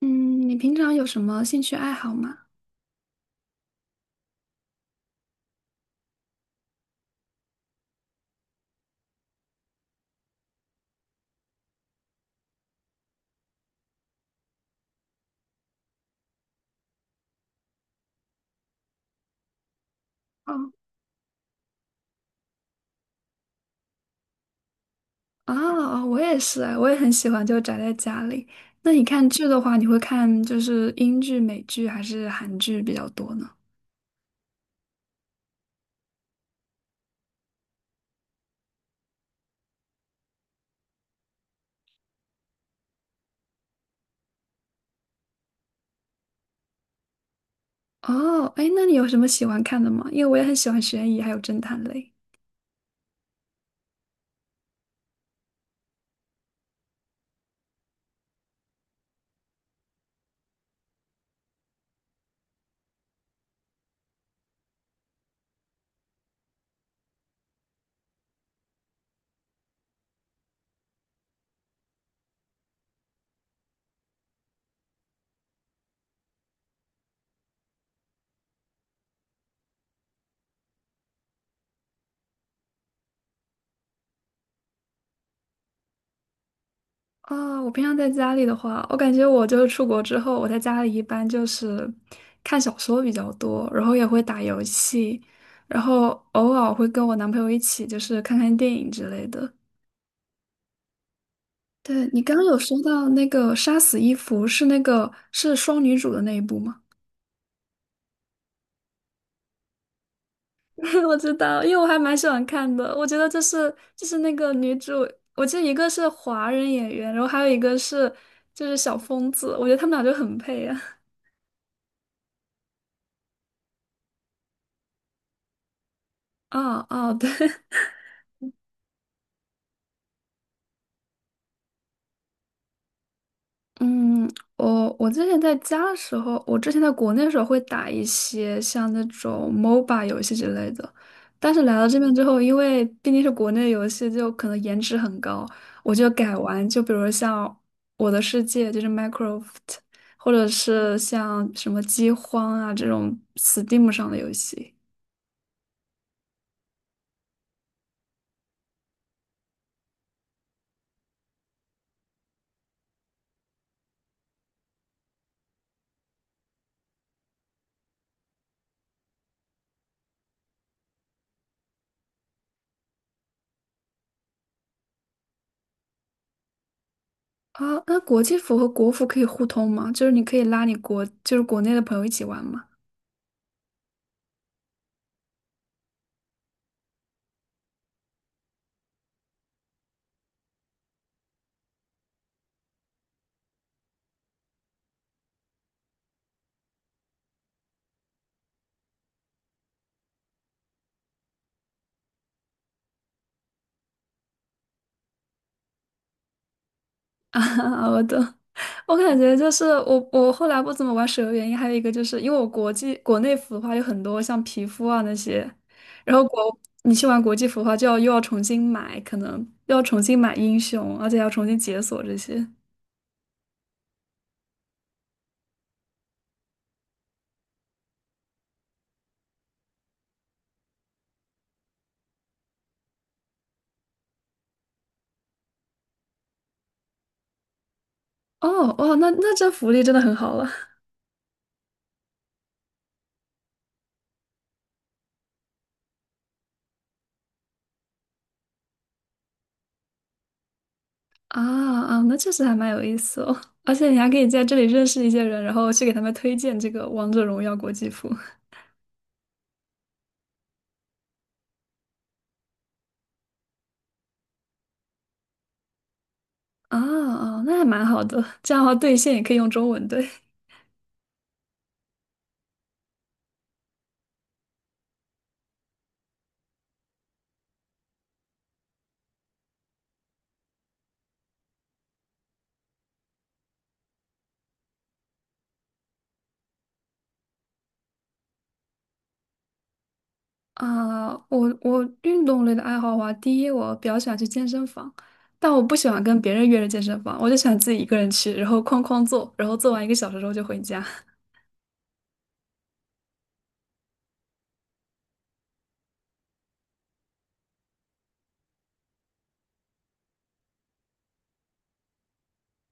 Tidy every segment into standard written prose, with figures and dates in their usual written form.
嗯，你平常有什么兴趣爱好吗？哦哦，我也是，我也很喜欢就宅在家里。那你看剧的话，你会看就是英剧、美剧还是韩剧比较多呢？哦，哎，那你有什么喜欢看的吗？因为我也很喜欢悬疑还有侦探类。哦，我平常在家里的话，我感觉我就是出国之后，我在家里一般就是看小说比较多，然后也会打游戏，然后偶尔会跟我男朋友一起就是看看电影之类的。对，你刚刚有说到那个杀死伊芙是那个是双女主的那一部吗？我知道，因为我还蛮喜欢看的。我觉得这是就是那个女主，我记得一个是华人演员，然后还有一个是就是小疯子，我觉得他们俩就很配啊。哦哦，对，嗯，我之前在家的时候，我之前在国内的时候会打一些像那种 MOBA 游戏之类的，但是来到这边之后，因为毕竟是国内游戏，就可能颜值很高，我就改玩，就比如像《我的世界》就是 Minecraft，或者是像什么《饥荒》啊这种 Steam 上的游戏啊。那国际服和国服可以互通吗？就是你可以拉你国，就是国内的朋友一起玩吗？啊，我懂。我感觉就是我后来不怎么玩手游，原因还有一个就是因为我国际国内服的话有很多像皮肤啊那些，然后你去玩国际服的话就要又要重新买，可能又要重新买英雄，而且还要重新解锁这些。哦，哇，那这福利真的很好了啊啊，那确实还蛮有意思哦。而且你还可以在这里认识一些人，然后去给他们推荐这个《王者荣耀》国际服啊啊，那还蛮好的。这样的话，对线也可以用中文对。啊，我运动类的爱好的话，第一我比较喜欢去健身房，但我不喜欢跟别人约着健身房，我就喜欢自己一个人去，然后哐哐做，然后做完一个小时之后就回家。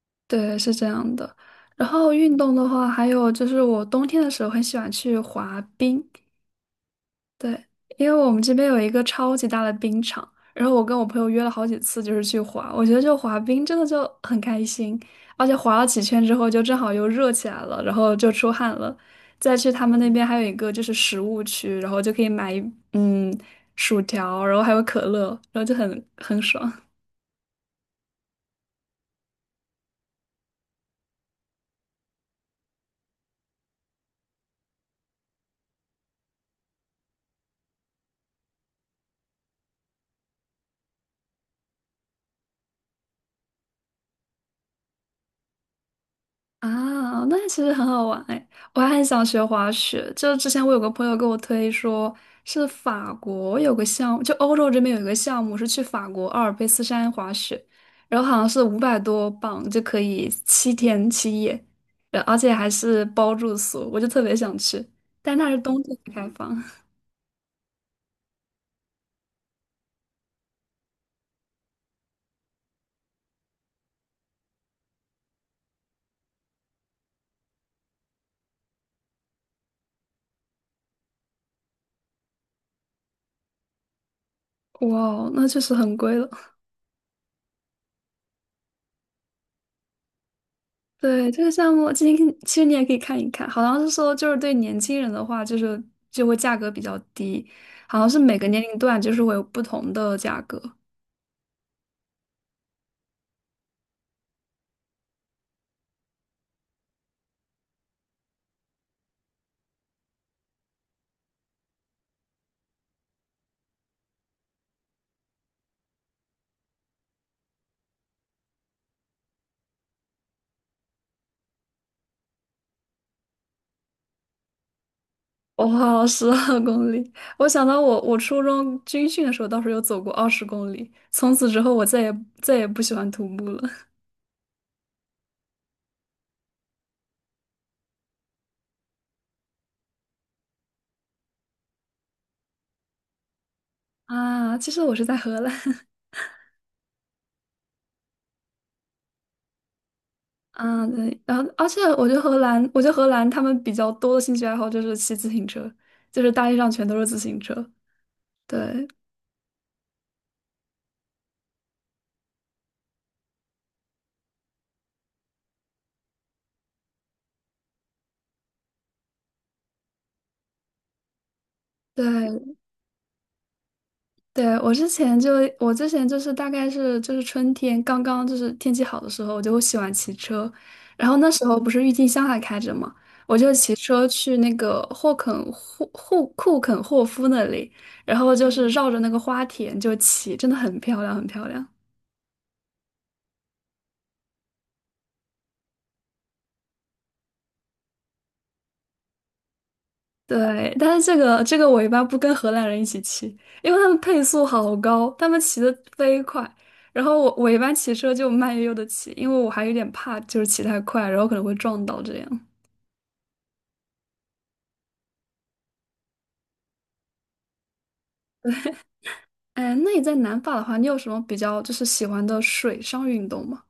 对，是这样的。然后运动的话，还有就是我冬天的时候很喜欢去滑冰，对，因为我们这边有一个超级大的冰场，然后我跟我朋友约了好几次，就是去滑。我觉得就滑冰真的就很开心，而且滑了几圈之后，就正好又热起来了，然后就出汗了。再去他们那边还有一个就是食物区，然后就可以买嗯薯条，然后还有可乐，然后就很爽。啊，那其实很好玩哎，我还很想学滑雪。就是之前我有个朋友给我推说，是法国有个项目，就欧洲这边有一个项目是去法国阿尔卑斯山滑雪，然后好像是500多磅就可以七天七夜，而且还是包住宿，我就特别想去，但那是冬季才开放。哇哦，那确实很贵了。对，这个项目，其实你也可以看一看，好像是说就是对年轻人的话，就是就会价格比较低，好像是每个年龄段就是会有不同的价格。我跑了12公里，我想到我初中军训的时候倒是有走过20公里，从此之后我再也不喜欢徒步了。啊，其实我是在荷兰。啊，对，然后而且我觉得荷兰，我觉得荷兰他们比较多的兴趣爱好就是骑自行车，就是大街上全都是自行车。对对，对，我之前就是大概是就是春天刚刚就是天气好的时候，我就会喜欢骑车，然后那时候不是郁金香还开着嘛，我就骑车去那个霍库肯霍夫那里，然后就是绕着那个花田就骑，真的很漂亮，很漂亮。对，但是这个我一般不跟荷兰人一起骑，因为他们配速好高，他们骑得飞快，然后我一般骑车就慢悠悠的骑，因为我还有点怕，就是骑太快，然后可能会撞到这样。哎，那你在南法的话，你有什么比较就是喜欢的水上运动吗？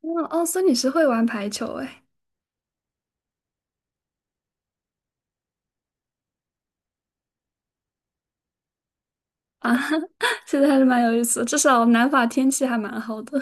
哦哦，所以你是会玩排球哎啊，其实还是蛮有意思的，至少南法天气还蛮好的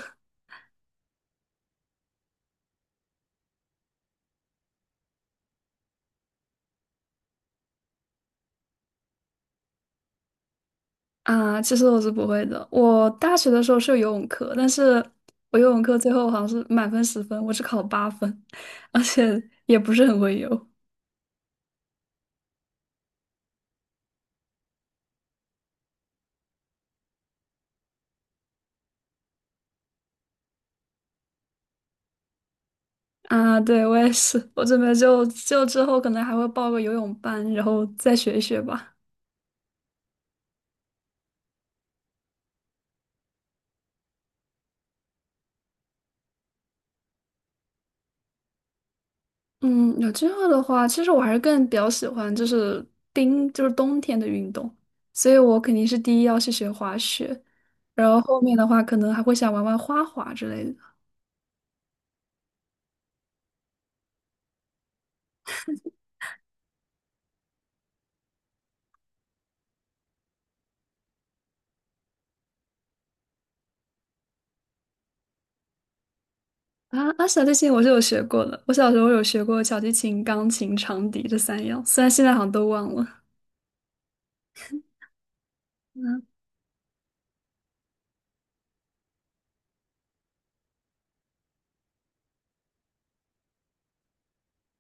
啊。其实我是不会的，我大学的时候是有游泳课，但是我游泳课最后好像是满分10分，我只考了8分，而且也不是很会游啊。对，我也是，我准备就之后可能还会报个游泳班，然后再学一学吧。嗯，有机会的话，其实我还是更比较喜欢就是冰，就是冬天的运动，所以我肯定是第一要去学滑雪，然后后面的话可能还会想玩玩花滑之类的。啊啊，小提琴我是有学过的，我小时候有学过小提琴、钢琴、长笛这三样，虽然现在好像都忘了。嗯，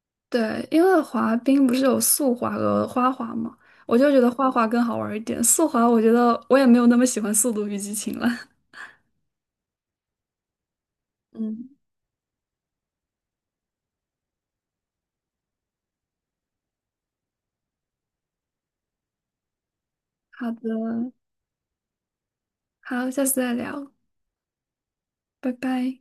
对，因为滑冰不是有速滑和花滑嘛，我就觉得花滑更好玩一点，速滑我觉得我也没有那么喜欢《速度与激情》了。嗯，好的，好，下次再聊。拜拜。